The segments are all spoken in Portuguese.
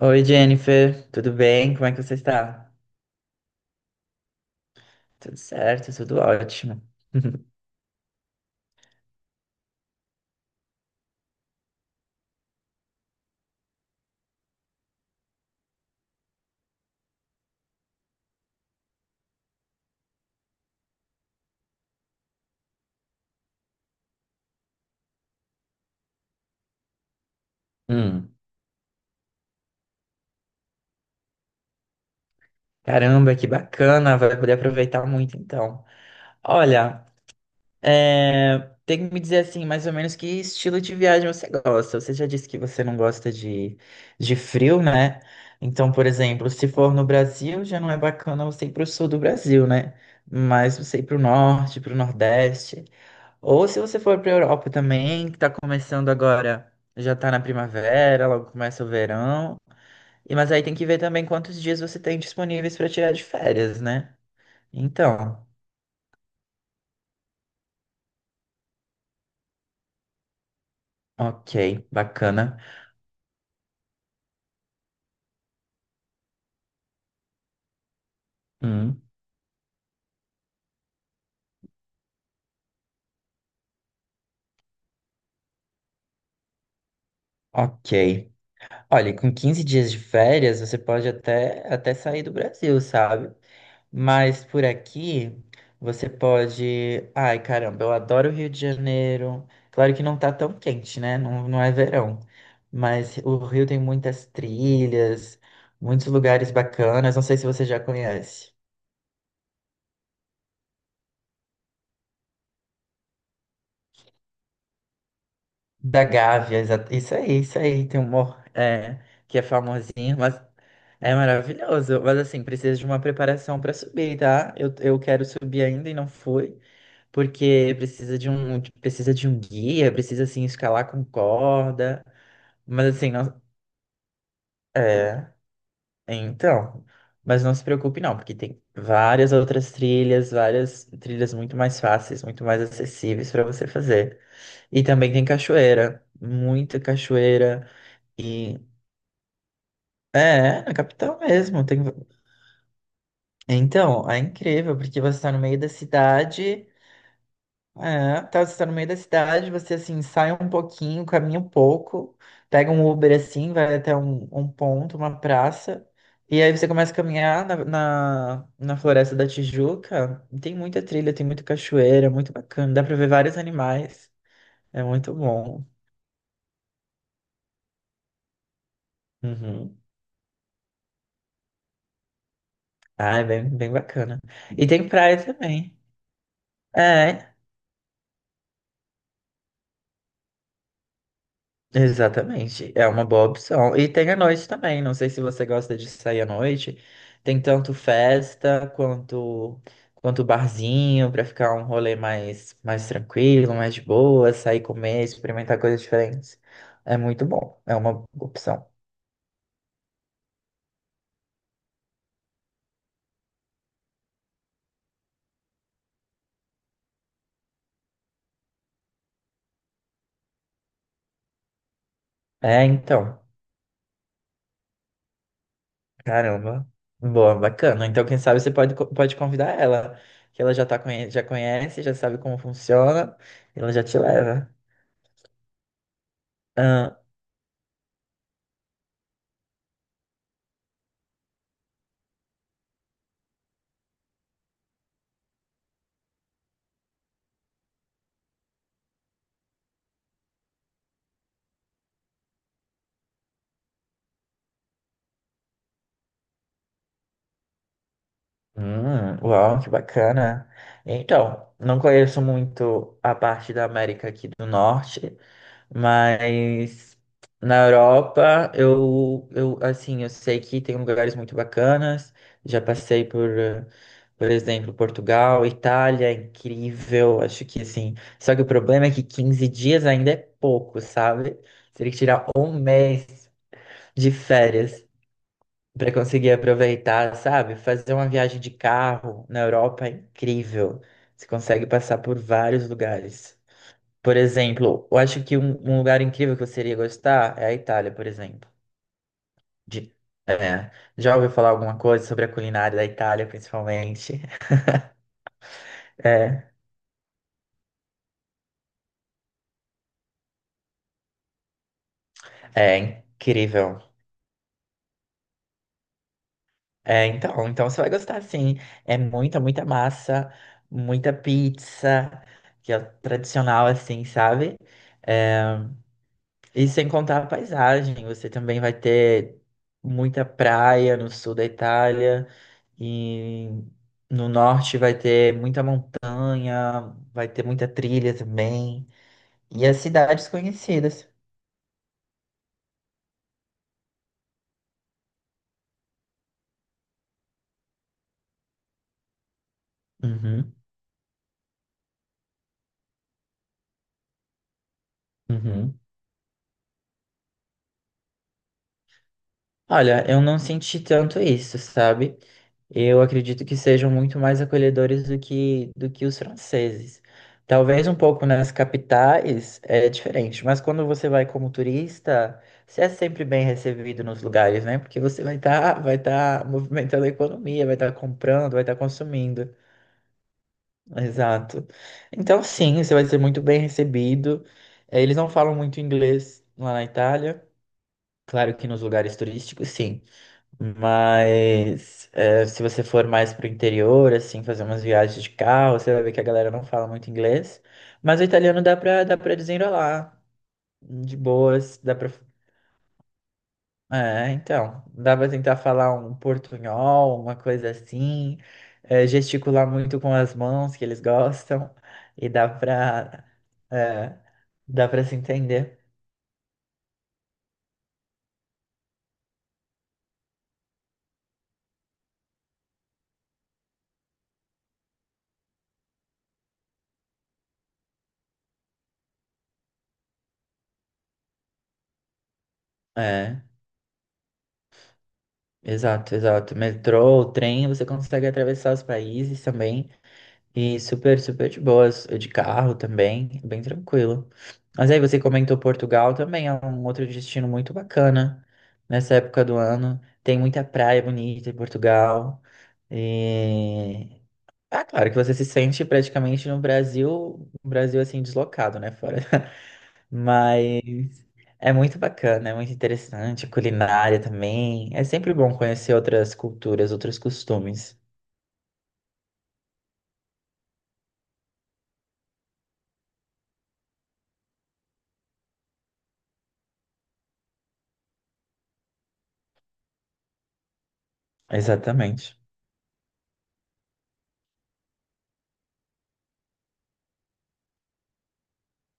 Oi, Jennifer, tudo bem? Como é que você está? Tudo certo, tudo ótimo. Hum, Caramba, que bacana, vai poder aproveitar muito então. Olha, é, tem que me dizer assim, mais ou menos que estilo de viagem você gosta. Você já disse que você não gosta de frio, né? Então, por exemplo, se for no Brasil, já não é bacana você ir para o sul do Brasil, né? Mas você ir para o norte, para o nordeste. Ou se você for para Europa também, que tá começando agora, já tá na primavera, logo começa o verão. E mas aí tem que ver também quantos dias você tem disponíveis para tirar de férias, né? Então, ok, bacana. Hum, ok. Olha, com 15 dias de férias, você pode até sair do Brasil, sabe? Mas por aqui você pode. Ai, caramba, eu adoro o Rio de Janeiro. Claro que não tá tão quente, né? Não, não é verão. Mas o Rio tem muitas trilhas, muitos lugares bacanas. Não sei se você já conhece. Da Gávea, isso aí, isso aí. Tem um morro que é famosinho, mas é maravilhoso. Mas assim, precisa de uma preparação para subir, tá? Eu quero subir ainda e não fui. Porque precisa de um guia, precisa assim escalar com corda, mas assim, não, é, então, mas não se preocupe não, porque tem várias outras trilhas, várias trilhas muito mais fáceis, muito mais acessíveis para você fazer. E também tem cachoeira, muita cachoeira e é, na capital mesmo, tem. Então, é incrível, porque você está no meio da cidade. É, tá, você tá no meio da cidade, você assim, sai um pouquinho, caminha um pouco, pega um Uber assim, vai até um, um ponto, uma praça, e aí você começa a caminhar na Floresta da Tijuca. E tem muita trilha, tem muita cachoeira, muito bacana, dá pra ver vários animais, é muito bom. Uhum. Ah, é bem, bem bacana. E tem praia também. É, exatamente, é uma boa opção. E tem à noite também, não sei se você gosta de sair à noite. Tem tanto festa quanto barzinho para ficar um rolê mais tranquilo, mais de boa, sair comer, experimentar coisas diferentes. É muito bom, é uma opção. É, então, caramba. Boa, bacana. Então, quem sabe você pode pode convidar ela, que ela já conhece, já sabe como funciona, e ela já te leva. Uau, que bacana. Então, não conheço muito a parte da América aqui do Norte, mas na Europa eu assim, eu sei que tem lugares muito bacanas. Já passei por, por exemplo, Portugal, Itália, é incrível. Acho que assim. Só que o problema é que 15 dias ainda é pouco, sabe? Teria que tirar um mês de férias para conseguir aproveitar, sabe? Fazer uma viagem de carro na Europa é incrível. Você consegue passar por vários lugares. Por exemplo, eu acho que um lugar incrível que você iria gostar é a Itália, por exemplo. De- já ouviu falar alguma coisa sobre a culinária da Itália, principalmente? É, é incrível. É, então, então você vai gostar sim. É muita, muita massa, muita pizza, que é tradicional assim, sabe? É, e sem contar a paisagem, você também vai ter muita praia no sul da Itália e no norte vai ter muita montanha, vai ter muita trilha também e as cidades conhecidas. Uhum, uhum. Olha, eu não senti tanto isso, sabe? Eu acredito que sejam muito mais acolhedores do que os franceses. Talvez um pouco nas capitais é diferente, mas quando você vai como turista, você é sempre bem recebido nos lugares, né? Porque você vai estar vai tá movimentando a economia, vai estar comprando, vai estar consumindo. Exato. Então, sim, você vai ser muito bem recebido. Eles não falam muito inglês lá na Itália. Claro que nos lugares turísticos, sim. Mas é, se você for mais pro interior, assim, fazer umas viagens de carro, você vai ver que a galera não fala muito inglês. Mas o italiano dá pra desenrolar, de boas, dá pra... É, então, dá pra tentar falar um portunhol, uma coisa assim, é, gesticular muito com as mãos, que eles gostam, e dá pra, é, dá pra se entender. É, exato, exato. Metrô, trem, você consegue atravessar os países também. E super, super de boas, de carro também, bem tranquilo. Mas aí você comentou Portugal também, é um outro destino muito bacana nessa época do ano. Tem muita praia bonita em Portugal. E... Ah, claro que você se sente praticamente no Brasil, assim, deslocado, né, fora. Mas é muito bacana, é muito interessante, a culinária também. É sempre bom conhecer outras culturas, outros costumes. Exatamente.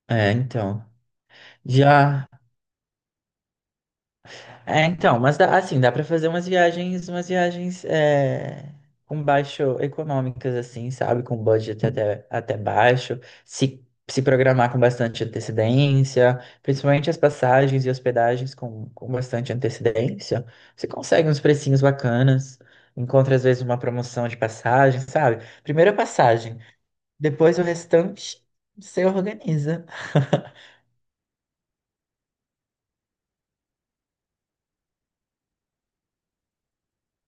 É, então. Já é, então, mas assim, dá pra fazer umas viagens, com baixo econômicas, assim, sabe? Com budget até baixo, se programar com bastante antecedência, principalmente as passagens e hospedagens com bastante antecedência, você consegue uns precinhos bacanas, encontra às vezes uma promoção de passagem, sabe? Primeira passagem, depois o restante você organiza.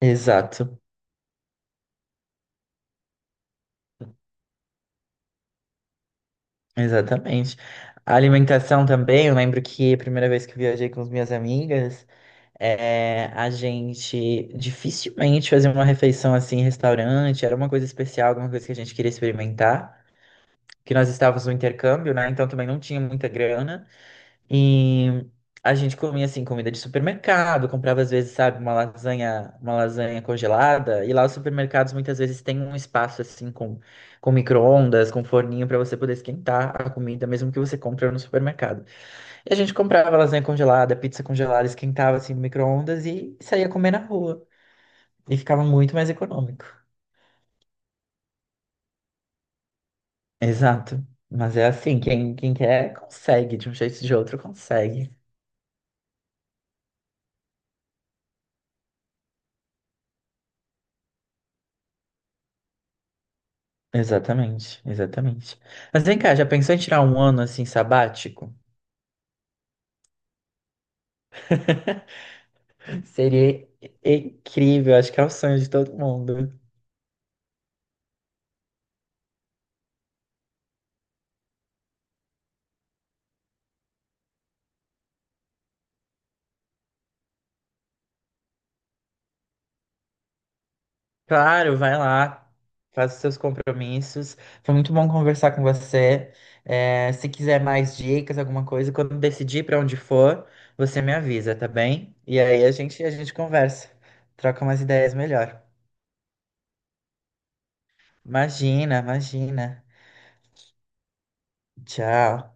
Exato. Exatamente. A alimentação também, eu lembro que a primeira vez que eu viajei com as minhas amigas, a gente dificilmente fazia uma refeição assim em restaurante, era uma coisa especial, alguma coisa que a gente queria experimentar, que nós estávamos no intercâmbio, né? Então também não tinha muita grana. E a gente comia assim comida de supermercado, comprava às vezes, sabe, uma lasanha congelada, e lá os supermercados muitas vezes têm um espaço assim com micro-ondas, com forninho para você poder esquentar a comida mesmo que você compra no supermercado. E a gente comprava lasanha congelada, pizza congelada, esquentava assim no micro-ondas e saía comer na rua. E ficava muito mais econômico. Exato. Mas é assim, quem quer consegue, de um jeito ou de outro consegue. Exatamente, exatamente. Mas vem cá, já pensou em tirar um ano assim sabático? Seria incrível, acho que é o sonho de todo mundo. Claro, vai lá, faz os seus compromissos. Foi muito bom conversar com você. É, se quiser mais dicas, alguma coisa, quando decidir para onde for, você me avisa, tá bem? E aí a gente conversa, troca umas ideias melhor. Imagina, imagina. Tchau.